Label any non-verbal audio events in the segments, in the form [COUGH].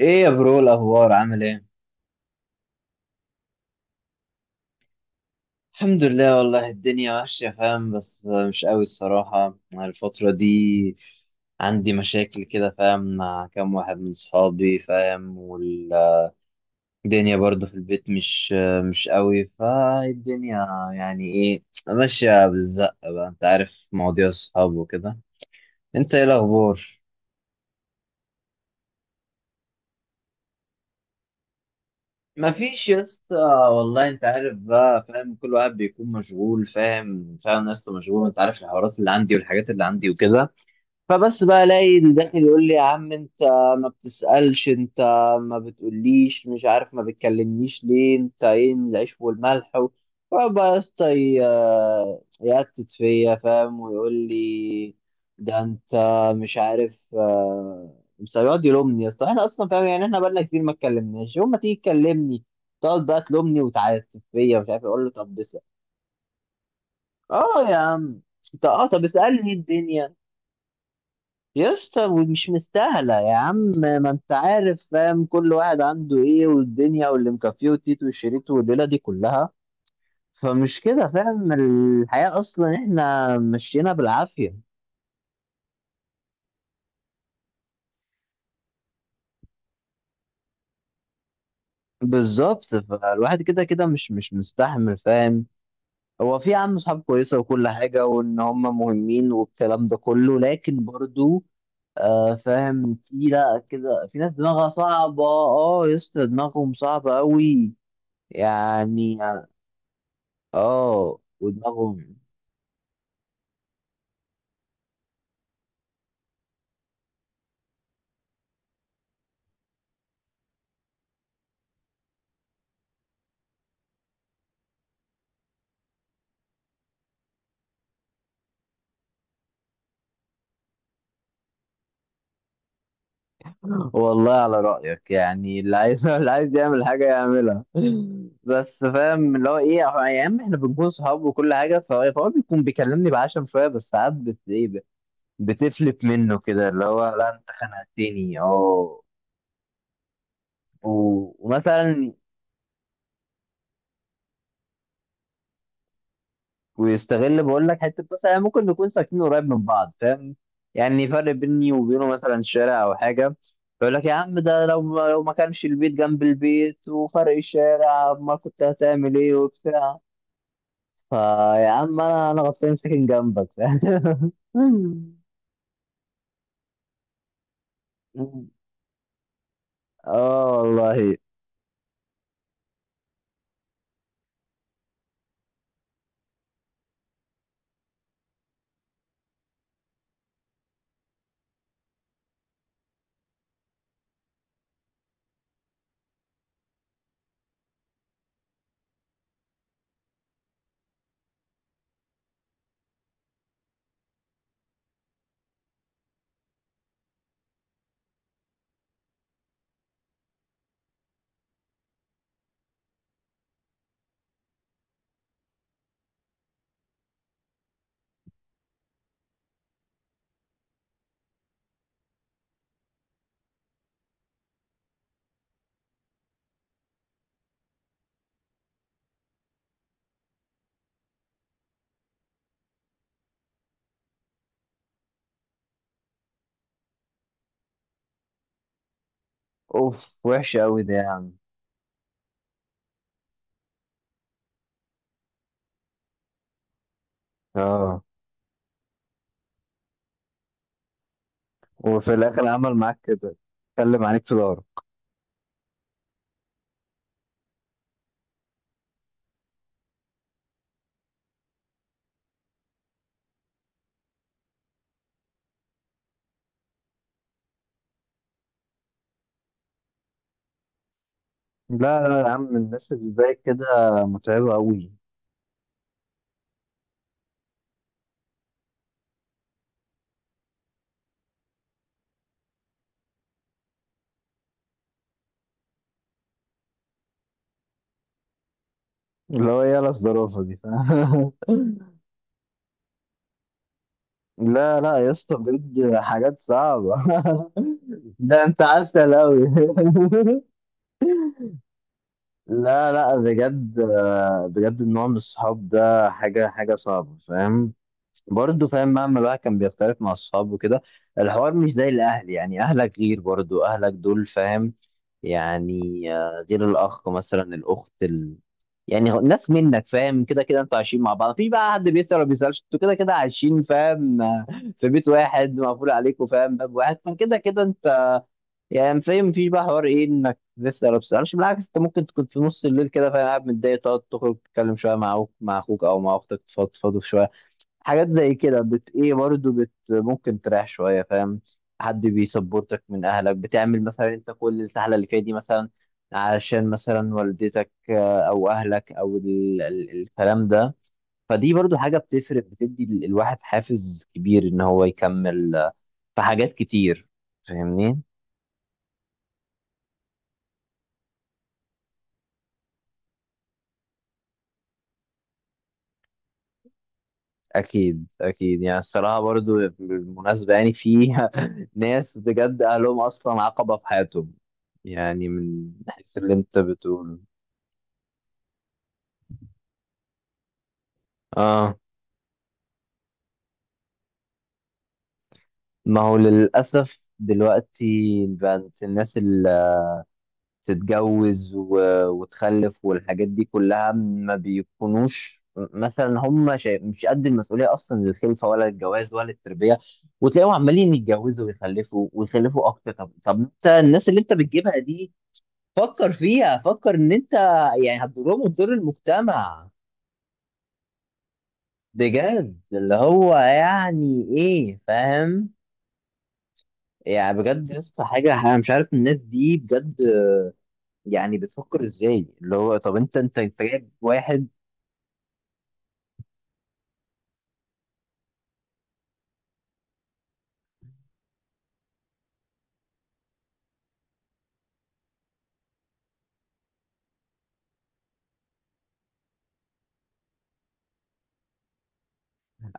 ايه يا برو، الاخبار عامل ايه؟ الحمد لله، والله الدنيا ماشيه، فاهم، بس مش قوي الصراحه مع الفتره دي. عندي مشاكل كده، فاهم، مع كام واحد من صحابي، فاهم، والدنيا برضه في البيت مش قوي، فالدنيا يعني ايه، ماشيه بالزقه بقى، انت عارف مواضيع الصحاب وكده. انت ايه الاخبار؟ ما فيش يا اسطى، والله انت عارف بقى، فاهم، كل واحد بيكون مشغول، فاهم ناس مشغول، انت عارف الحوارات اللي عندي والحاجات اللي عندي وكده. فبس بقى الاقي اللي داخل يقول لي يا عم، انت ما بتسألش، انت ما بتقوليش، مش عارف، ما بتكلمنيش ليه، انت ايه العيش والملح. فبس يقتت فيا، فاهم، ويقول لي ده انت مش عارف، بس يقعد يلومني يا اسطى، احنا اصلا فاهم، يعني احنا بقالنا كتير ما اتكلمناش، يوم ما تيجي تكلمني تقعد بقى تلومني وتعاتب فيا، مش عارف اقول له طب بس. اه يا عم. طب اسألني الدنيا يا اسطى، ومش مستاهلة يا عم، ما انت عارف، فاهم، كل واحد عنده ايه والدنيا واللي مكفيه وتيتو وشيريتو والليلة دي كلها. فمش كده، فاهم، الحياة اصلا احنا مشينا بالعافية. بالظبط، فالواحد كده كده مش مستحمل، فاهم. هو في عم صحاب كويسة وكل حاجة وان هم مهمين والكلام ده كله، لكن برضو. آه فاهم، في، لا كده، في ناس دماغها صعبة. اه يا اسطى، دماغهم صعبة قوي. يعني. اه ودماغهم. والله على رأيك، يعني اللي عايز [LAUGHS] اللي عايز يعمل حاجة يعملها. بس فاهم اللي هو ايه، يا عم احنا بنكون صحاب وكل حاجة، فهو بيكون بيكلمني بعشم شوية، بس ساعات بتفلت منه كده، اللي هو لا انت خنقتني ومثلا ويستغل، بقول لك حته، بس يعني ممكن نكون ساكنين قريب من بعض، فاهم، يعني فرق بيني وبينه مثلا شارع او حاجه، فيقول لك يا عم ده لو ما كانش البيت جنب البيت وفرق الشارع، ما كنت هتعمل ايه وبتاع. فيا عم، انا غصبين ساكن جنبك، فاهم؟ [LAUGHS] اه والله. اوف، وحش قوي ده يا عم. اه. وفي الاخر عمل معاك كده، اتكلم عليك في ظهرك. لا لا يا عم، الناس اللي زي كده متعبه قوي. اللي هو ايه، يلا الظروف دي، فاهم؟ [LAUGHS] لا لا يا اسطى، بجد حاجات صعبة. [LAUGHS] ده انت عسل اوي. [LAUGHS] لا لا بجد، بجد النوع من الصحاب ده حاجة صعبة، فاهم. برضه فاهم مهما الواحد كان بيختلف مع الصحاب وكده، الحوار مش زي الأهل، يعني أهلك غير، برضه أهلك دول فاهم، يعني غير الأخ مثلا الأخت يعني ناس منك، فاهم، كده كده انتوا عايشين مع بعض، في بقى حد بيسأل ولا ما بيسألش، انتوا كده كده عايشين، فاهم. [LAUGHS] في بيت واحد مقفول عليكم، فاهم، باب واحد، فكده كده انت يعني فاهم، في بقى حوار ايه انك لسه ما بتسألش؟ بالعكس، انت ممكن تكون في نص الليل كده، فاهم، قاعد متضايق، تقعد تخرج تتكلم شوية مع أخوك أو مع أختك، تفضفضوا شوية. حاجات زي كده بت ايه برضو ممكن تريح شويه، فاهم، حد بيسبورتك من اهلك، بتعمل مثلا انت كل السهله اللي فيها دي، مثلا علشان مثلا والدتك او اهلك او الكلام ده. فدي برضو حاجه بتفرق، بتدي الواحد حافز كبير ان هو يكمل في حاجات كتير. فاهمني؟ اكيد اكيد، يعني الصراحه برضو بالمناسبه، يعني في [LAUGHS] ناس بجد اهلهم اصلا عقبه في حياتهم، يعني من حيث اللي انت بتقوله. اه. ما هو للأسف دلوقتي بقت الناس اللي تتجوز وتخلف والحاجات دي كلها ما بيكونوش مثلا هم مش قد المسؤولية أصلا، للخلفة ولا الجواز ولا التربية. وتلاقيهم عمالين يتجوزوا ويخلفوا ويخلفوا أكتر. طب أنت الناس اللي أنت بتجيبها دي، فكر فيها، فكر إن أنت يعني هتضرهم وتضر المجتمع. بجد اللي هو يعني إيه، فاهم، يعني بجد يا اسطى حاجة، أنا مش عارف الناس دي بجد يعني بتفكر إزاي، اللي هو طب أنت جايب واحد.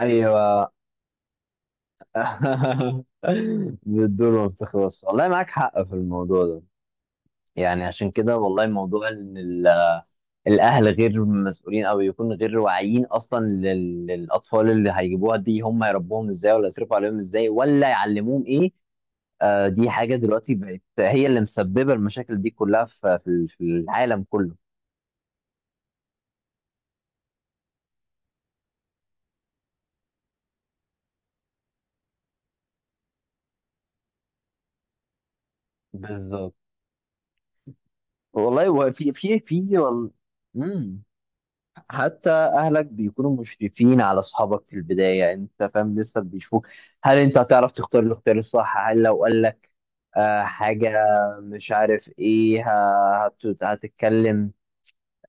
أيوه. [LAUGHS] بالدور ما بتخلص، والله معاك حق في الموضوع ده. يعني عشان كده، والله موضوع إن الأهل غير مسؤولين أو يكون غير واعيين أصلا للأطفال اللي هيجيبوها دي، هم هيربوهم إزاي، ولا يصرفوا عليهم إزاي، ولا يعلموهم إيه؟ آه، دي حاجة دلوقتي بقت هي اللي مسببة المشاكل دي كلها في العالم كله. بالظبط، والله هو في في في وال... مم. حتى اهلك بيكونوا مشرفين على اصحابك في البدايه، انت فاهم لسه بيشوفوك، هل انت هتعرف تختار الاختيار الصح؟ هل لو قال لك آه حاجه مش عارف ايه هتتكلم،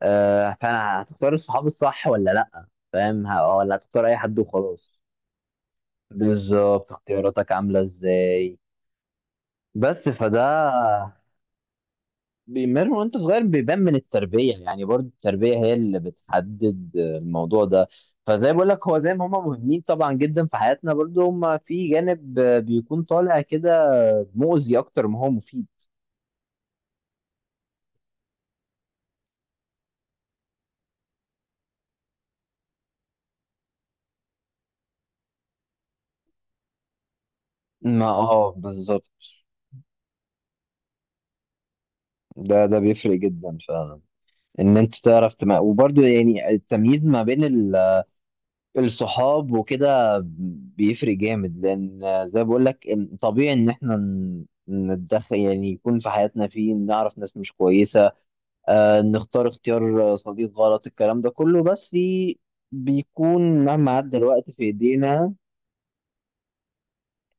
آه فانا هتختار الصحاب الصح ولا لا؟ فاهم ولا هتختار اي حد وخلاص؟ بالظبط، اختياراتك عامله ازاي. بس فده بيمر وانت صغير، بيبان من التربيه، يعني برضو التربيه هي اللي بتحدد الموضوع ده. فزي بقول لك، هو زي ما هم مهمين طبعا جدا في حياتنا، برضو هم في جانب بيكون طالع كده مؤذي اكتر ما هو مفيد. ما بالظبط. ده بيفرق جدا فعلا، ان انت تعرف وبرضه يعني التمييز ما بين الصحاب وكده بيفرق جامد، لان زي ما بقول لك طبيعي ان احنا نتدخل، يعني يكون في حياتنا، في نعرف ناس مش كويسة، نختار اختيار صديق غلط، الكلام ده كله. بس في بيكون مهما عدى الوقت في ايدينا.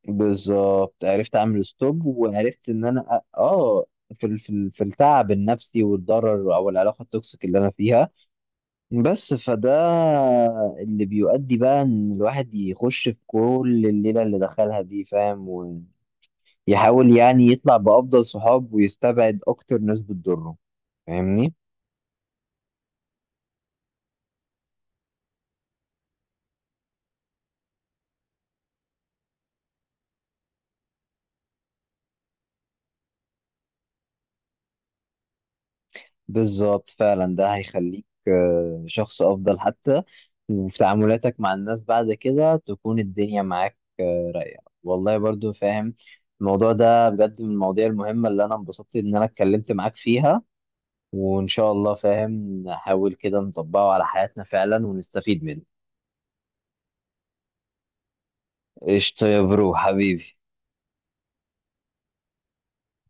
بالظبط، عرفت اعمل ستوب، وعرفت ان انا في التعب النفسي والضرر او العلاقه التوكسيك اللي انا فيها. بس فده اللي بيؤدي بقى ان الواحد يخش في كل الليله اللي دخلها دي، فاهم، ويحاول يعني يطلع بافضل صحاب ويستبعد اكتر ناس بتضره. فاهمني؟ بالظبط، فعلا ده هيخليك شخص افضل حتى. وفي تعاملاتك مع الناس بعد كده، تكون الدنيا معاك رايقه، والله، برضو فاهم. الموضوع ده بجد من المواضيع المهمه اللي انا انبسطت ان انا اتكلمت معاك فيها، وان شاء الله فاهم نحاول كده نطبقه على حياتنا فعلا ونستفيد منه. قشطة يا برو حبيبي.